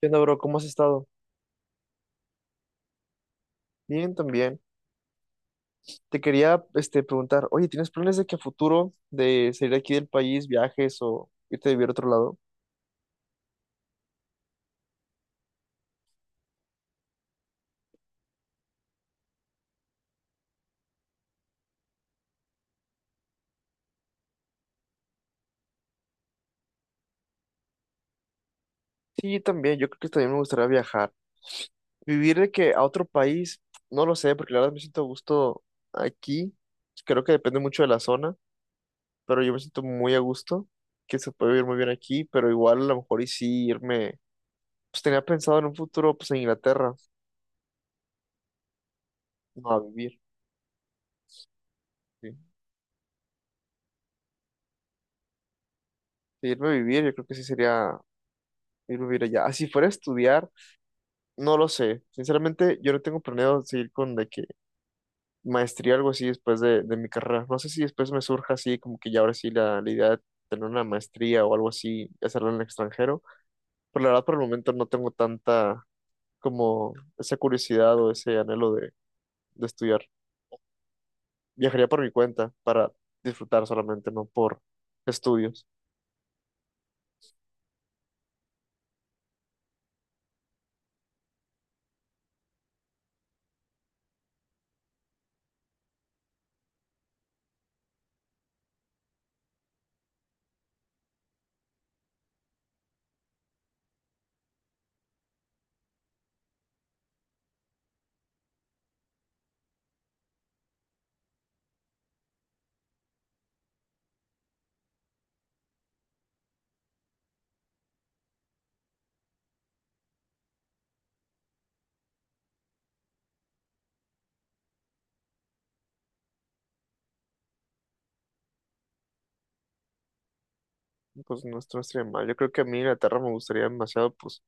¿Qué onda, bro? ¿Cómo has estado? Bien, también. Te quería, preguntar, oye, ¿tienes planes de que a futuro de salir aquí del país, viajes o irte a vivir a otro lado? Sí, también. Yo creo que también me gustaría viajar. Vivir de que a otro país, no lo sé, porque la verdad me siento a gusto aquí. Creo que depende mucho de la zona, pero yo me siento muy a gusto, que se puede vivir muy bien aquí, pero igual a lo mejor y sí irme, pues tenía pensado en un futuro, pues en Inglaterra, no a vivir. Sí. Irme a vivir, yo creo que sí sería irme a vivir allá. Ah, si fuera a estudiar, no lo sé. Sinceramente, yo no tengo planeado seguir con de que maestría o algo así después de mi carrera. No sé si después me surja así, como que ya ahora sí la idea de tener una maestría o algo así, y hacerla en el extranjero. Pero la verdad, por el momento no tengo tanta como esa curiosidad o ese anhelo de estudiar. Viajaría por mi cuenta para disfrutar solamente, no por estudios. Pues no, esto no estaría mal. Yo creo que a mí Inglaterra me gustaría demasiado, pues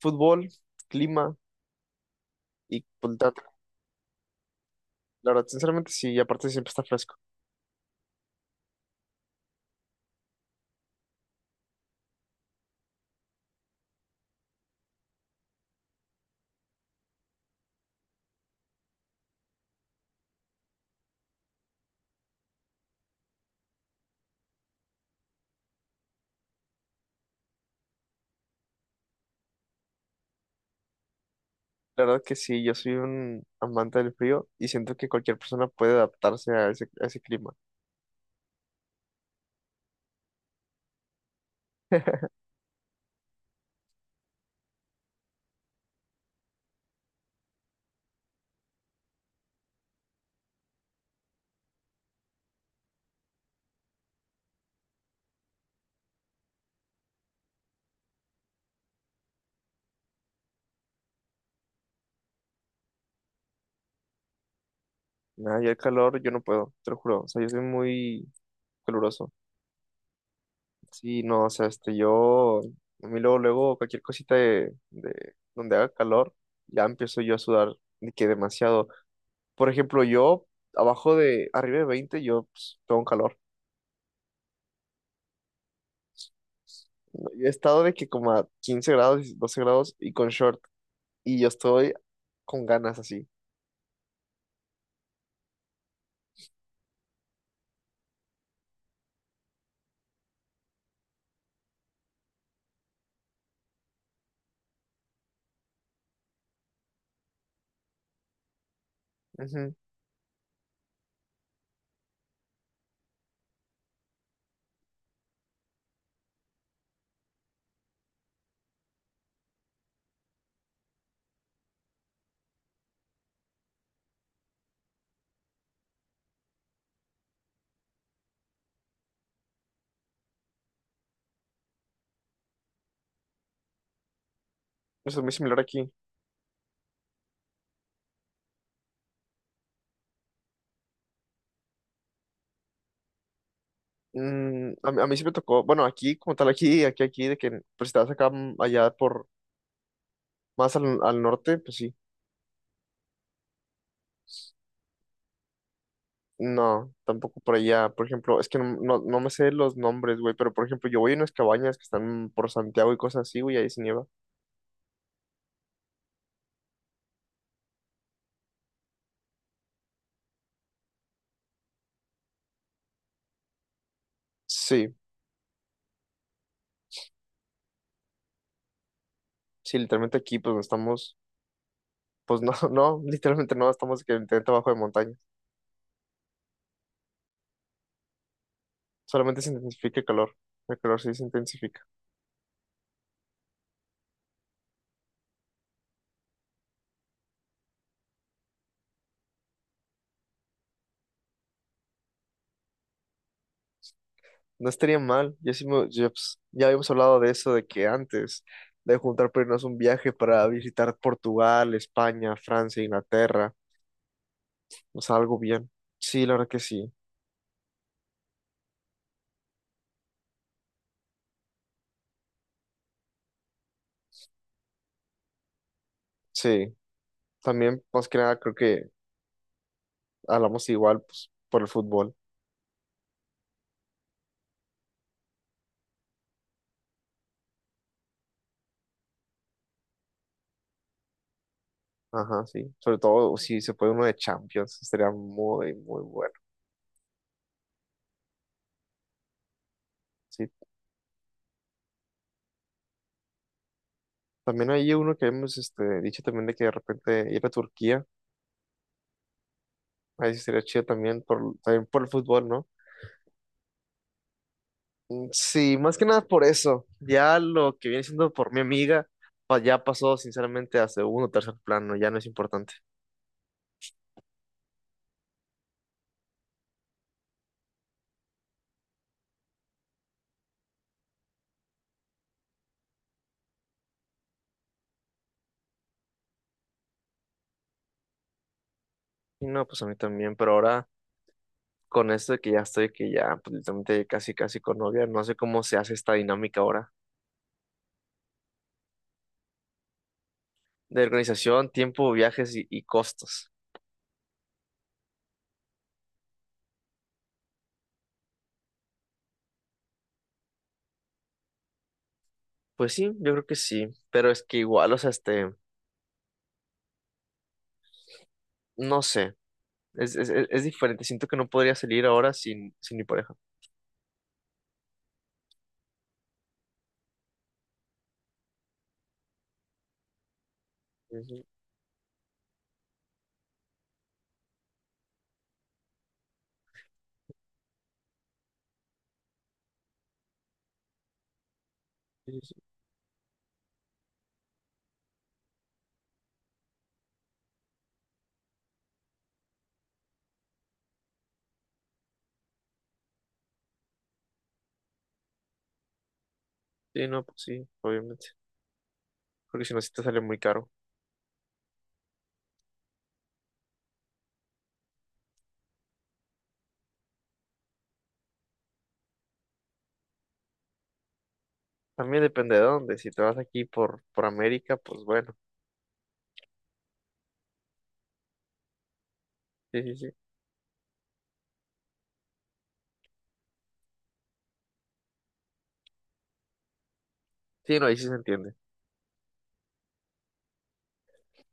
fútbol, clima y punta. La verdad, sinceramente sí, y aparte siempre está fresco. La verdad que sí, yo soy un amante del frío y siento que cualquier persona puede adaptarse a ese clima. Nada, yo el calor, yo no puedo, te lo juro. O sea, yo soy muy caluroso. Sí, no, o sea, yo, a mí luego, luego, cualquier cosita de donde haga calor, ya empiezo yo a sudar de que demasiado. Por ejemplo, yo, abajo de, arriba de 20 yo pues, tengo un calor. Yo he estado de que como a 15 grados, 12 grados y con short. Y yo estoy con ganas así. Ujú. Eso es muy similar aquí. A mí sí me tocó, bueno, aquí como tal, de que pues si te vas acá, allá por más al norte, pues sí. No, tampoco por allá. Por ejemplo, es que no me sé los nombres, güey, pero por ejemplo, yo voy a unas cabañas que están por Santiago y cosas así, güey, ahí se nieva. Sí, sí, literalmente aquí, pues no estamos, pues no, no, literalmente no, estamos que literalmente abajo de montaña. Solamente se intensifica el calor. El calor sí se intensifica. No estaría mal. Ya, pues, ya habíamos hablado de eso, de que antes de juntar para irnos un viaje para visitar Portugal, España, Francia, Inglaterra. O sea, algo bien. Sí, la verdad que sí. Sí. También, más que nada, creo que hablamos igual, pues, por el fútbol. Ajá, sí. Sobre todo si se puede uno de Champions. Estaría muy, muy bueno. Sí. También hay uno que hemos dicho también de que de repente ir a Turquía. Ahí sí sería chido también también por el fútbol, ¿no? Mm, sí, más que nada por eso. Ya lo que viene siendo por mi amiga, ya pasó sinceramente a segundo o tercer plano, ya no es importante. Y no, pues a mí también, pero ahora con esto de que ya estoy, que ya pues, literalmente casi casi con novia, no sé cómo se hace esta dinámica ahora de organización, tiempo, viajes y costos. Pues sí, yo creo que sí, pero es que igual, o sea, no sé, es diferente, siento que no podría salir ahora sin mi pareja. Ujú. Sí, no, pues sí, obviamente. Porque si no, sí te sale muy caro. También depende de dónde. Si te vas aquí por América, pues bueno. Sí, sí, sí. Sí, no, ahí sí se entiende.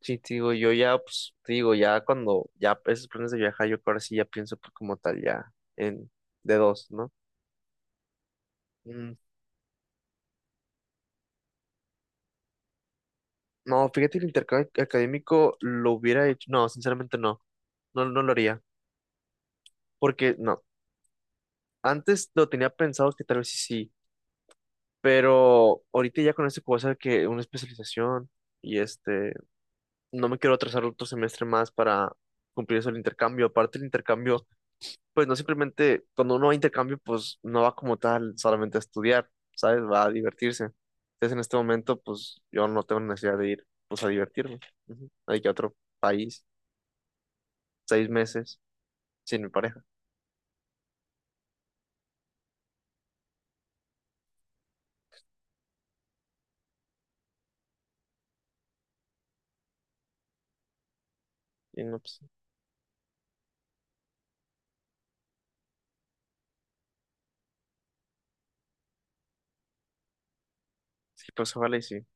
Sí, te digo, yo ya, pues, te digo, ya cuando ya esos planes de viajar, yo que ahora sí ya pienso pues, como tal, ya en de dos, ¿no? Mm, no, fíjate que el intercambio académico lo hubiera hecho. No, sinceramente no. No, no lo haría. Porque no. Antes lo tenía pensado que tal vez sí, sí. Pero ahorita ya con esto que voy a hacer que una especialización y no me quiero atrasar otro semestre más para cumplir eso el intercambio. Aparte el intercambio, pues no simplemente, cuando uno va a intercambio, pues no va como tal solamente a estudiar, ¿sabes? Va a divertirse. Entonces en este momento, pues yo no tengo necesidad de ir, pues a divertirme. Ujú. Hay que ir a otro país, 6 meses, sin mi pareja. Y no, pues, sí, pues ojalá y sí.